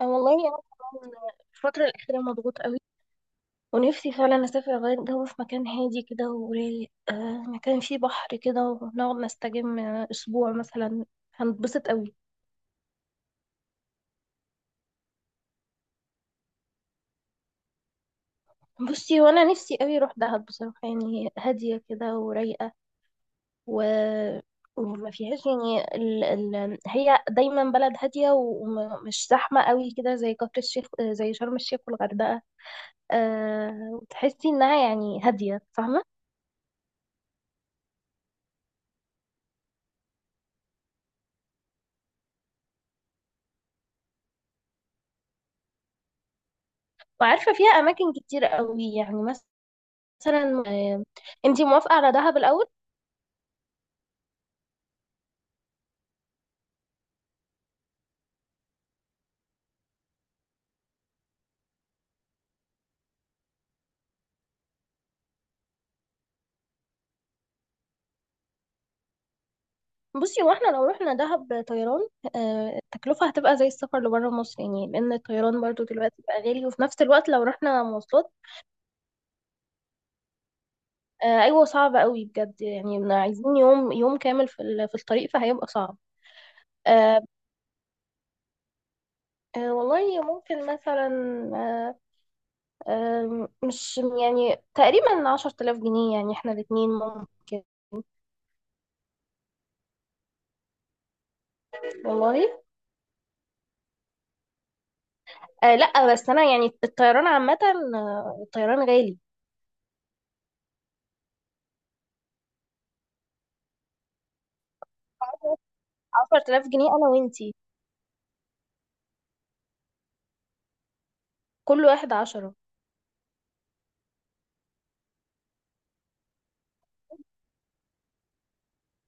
أنا والله أنا كمان الفترة الأخيرة مضغوط قوي. ونفسي فعلا أسافر أغير جو في مكان هادي كده ورايق، مكان فيه بحر كده ونقعد نستجم أسبوع مثلا. هنتبسط قوي. بصي، وأنا نفسي قوي أروح دهب بصراحة، يعني هادية كده ورايقة، و... وما فيهاش يعني هي دايما بلد هادية ومش زحمة قوي كده، زي كفر الشيخ، زي شرم الشيخ والغردقة. وتحسي إنها يعني هادية، فاهمة. وعارفة فيها أماكن كتير قوي، يعني مثلا، آه، انتي موافقة على دهب الأول؟ بصي، واحنا لو رحنا دهب طيران، التكلفة هتبقى زي السفر لبره مصر، يعني لأن الطيران برضو دلوقتي بقى غالي، وفي نفس الوقت لو رحنا مواصلات، أيوة صعب قوي بجد، يعني إحنا عايزين يوم يوم كامل في في الطريق، فهيبقى صعب. آه، والله ممكن مثلا، آه، مش يعني تقريبا 10000 جنيه، يعني احنا الاتنين ممكن. والله لا، بس انا يعني الطيران عامة، الطيران غالي. 10,000 جنيه انا وانتي. كل واحد عشرة.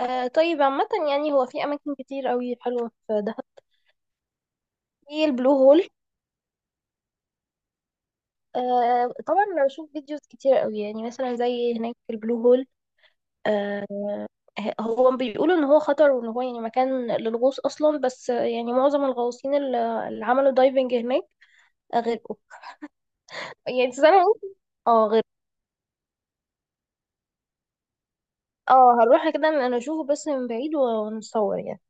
طيب عامة، يعني هو في اماكن كتير قوي حلوة في دهب، في البلو هول. آه، طبعا انا بشوف فيديوز كتير قوي، يعني مثلا زي هناك في البلو هول. آه هو بيقولوا ان هو خطر، وان هو يعني مكان للغوص اصلا، بس يعني معظم الغواصين اللي عملوا دايفنج هناك غرقوا. يعني زي ما قلت، اه غرقوا. اه، هنروح كده، انا اشوفه بس من بعيد ونصور يعني.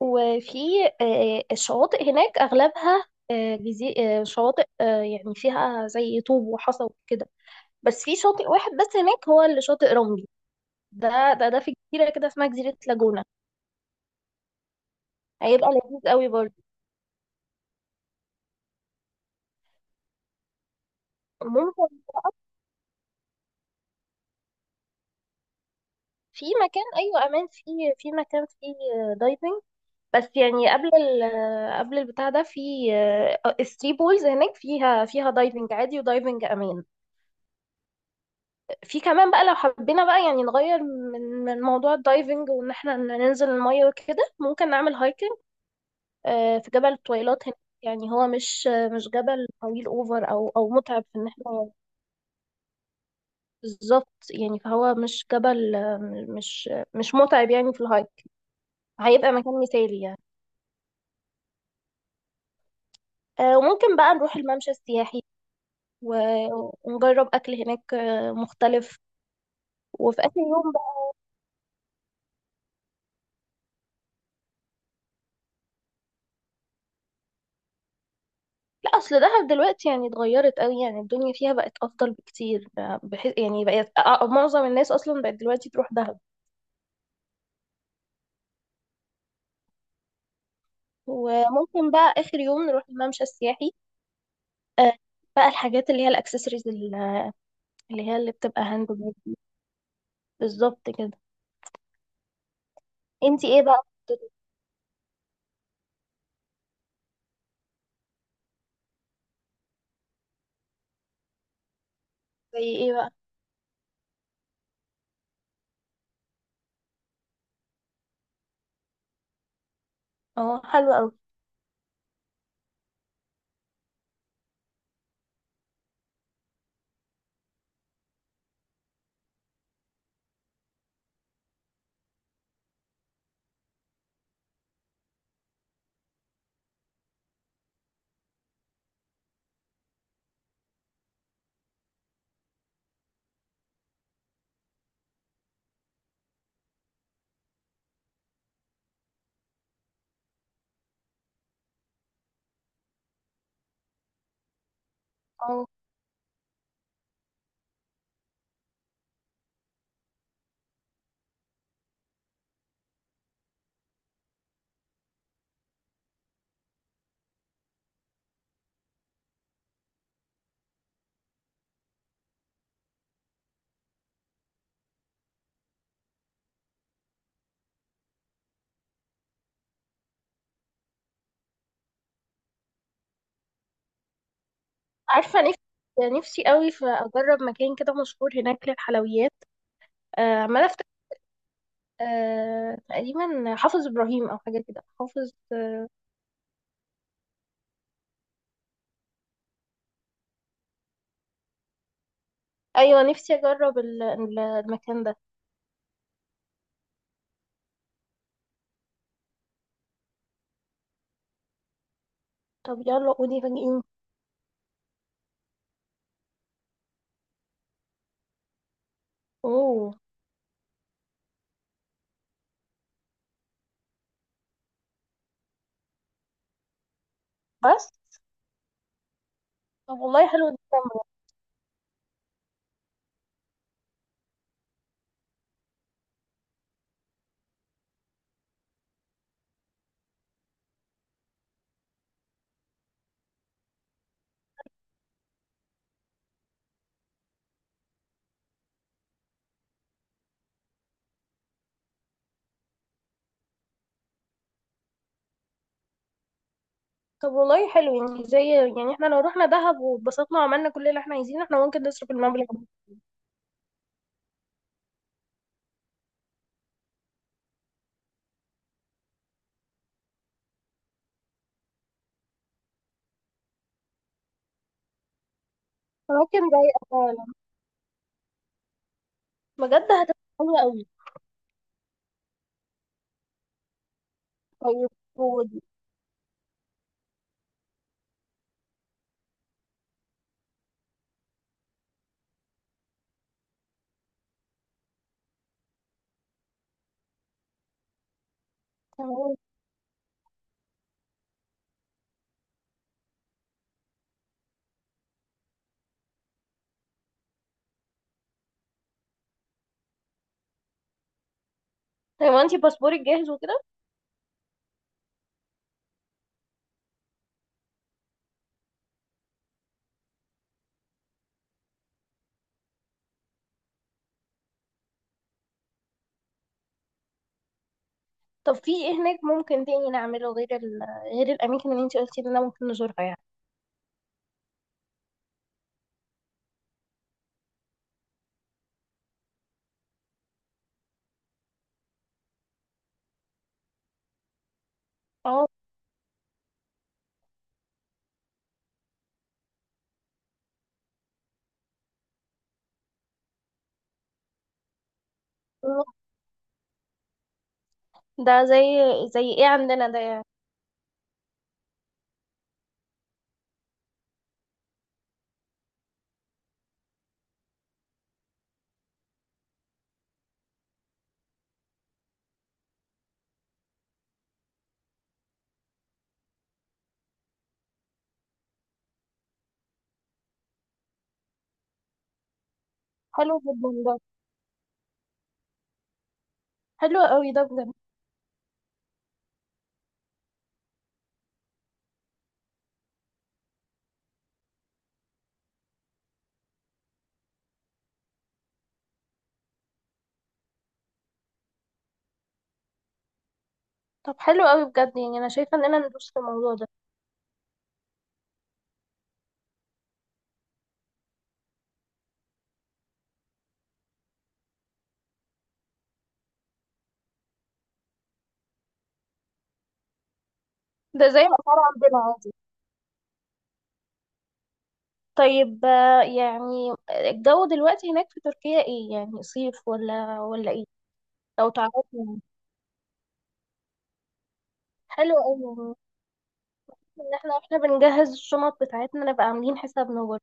وفي الشواطئ هناك أغلبها، شواطئ، يعني فيها زي طوب وحصى وكده، بس في شاطئ واحد بس هناك هو اللي شاطئ رملي. ده في جزيرة كده اسمها جزيرة لاجونا. هيبقى لذيذ قوي برضه. ممكن، في مكان، أيوة أمان، في في مكان فيه دايفنج، بس يعني قبل ال قبل البتاع ده، في الثري بولز هناك، فيها دايفنج عادي ودايفنج أمان. في كمان بقى لو حبينا بقى يعني نغير من موضوع الدايفنج، وان احنا ننزل المية وكده، ممكن نعمل هايكنج، في جبل الطويلات هناك، يعني هو مش، مش جبل طويل اوفر او متعب في ان احنا، بالظبط، يعني فهو مش جبل، مش متعب يعني في الهايك. هيبقى مكان مثالي يعني. وممكن بقى نروح الممشى السياحي ونجرب اكل هناك مختلف. وفي اخر يوم، لا، اصل دهب دلوقتي يعني اتغيرت قوي، يعني الدنيا فيها بقت افضل بكتير، بحيث يعني بقت، معظم الناس اصلا بقت دلوقتي تروح دهب. وممكن بقى اخر يوم نروح الممشى السياحي، آه، بقى الحاجات اللي هي الاكسسوارز، اللي هي اللي بتبقى هاند ميد. بالظبط كده. انتي ايه بقى خطتك؟ زي ايه بقى؟ اه، حلو قوي. اه عارفه، نفسي نفسي قوي في اجرب مكان كده مشهور هناك للحلويات، عماله افتكر، تقريبا حافظ ابراهيم او حاجه كده، حافظ. ايوه، نفسي اجرب المكان ده. طب يلا قولي، فاجئيني. اوه. بس. طب والله حلو جدا. طب والله حلو، يعني زي، يعني احنا لو رحنا دهب واتبسطنا وعملنا كل اللي احنا عايزينه، احنا ممكن نصرف المبلغ ده. ممكن، رايقة فعلا. بجد هتبقى حلوة قوي. طيب. ودي تمام. طيب انتي باسبورك جاهز وكده؟ طب في ايه هناك ممكن تاني نعمله غير غير الاماكن اللي انتي قلتي لنا ممكن نزورها يعني. اه، ده زي، زي ايه عندنا ده يعني؟ حلو جدا ده. حلو قوي ده بجد. طب حلو قوي بجد، يعني انا شايفه اننا ندوس في الموضوع ده. ده زي الاسعار عندنا عادي. طيب، يعني الجو دلوقتي هناك في تركيا ايه، يعني صيف ولا ايه؟ لو تعرفنا يعني. حلو قوي يعني. ان احنا واحنا بنجهز الشنط بتاعتنا نبقى عاملين حسابنا برضه.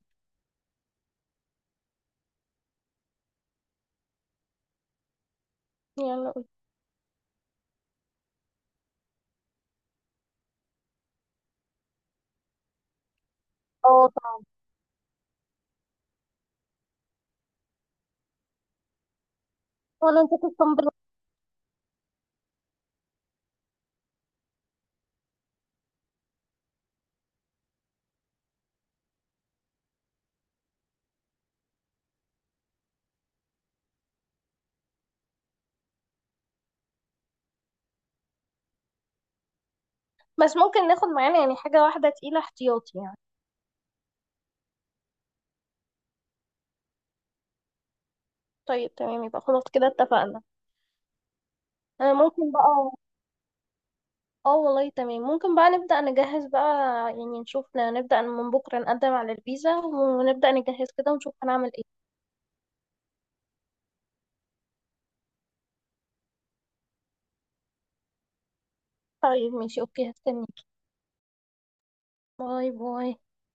يلا قول. اه طبعا. وانا نسيت الصنبل. بس ممكن ناخد معانا يعني حاجه واحده تقيله احتياطي يعني. طيب تمام، يبقى خلاص كده اتفقنا. ممكن بقى، اه والله تمام، ممكن بقى نبدأ نجهز بقى، يعني نشوف، نبدأ من بكرة نقدم على الفيزا، ونبدأ نجهز كده ونشوف هنعمل ايه. طيب ماشي اوكي، هستنيكي. باي باي.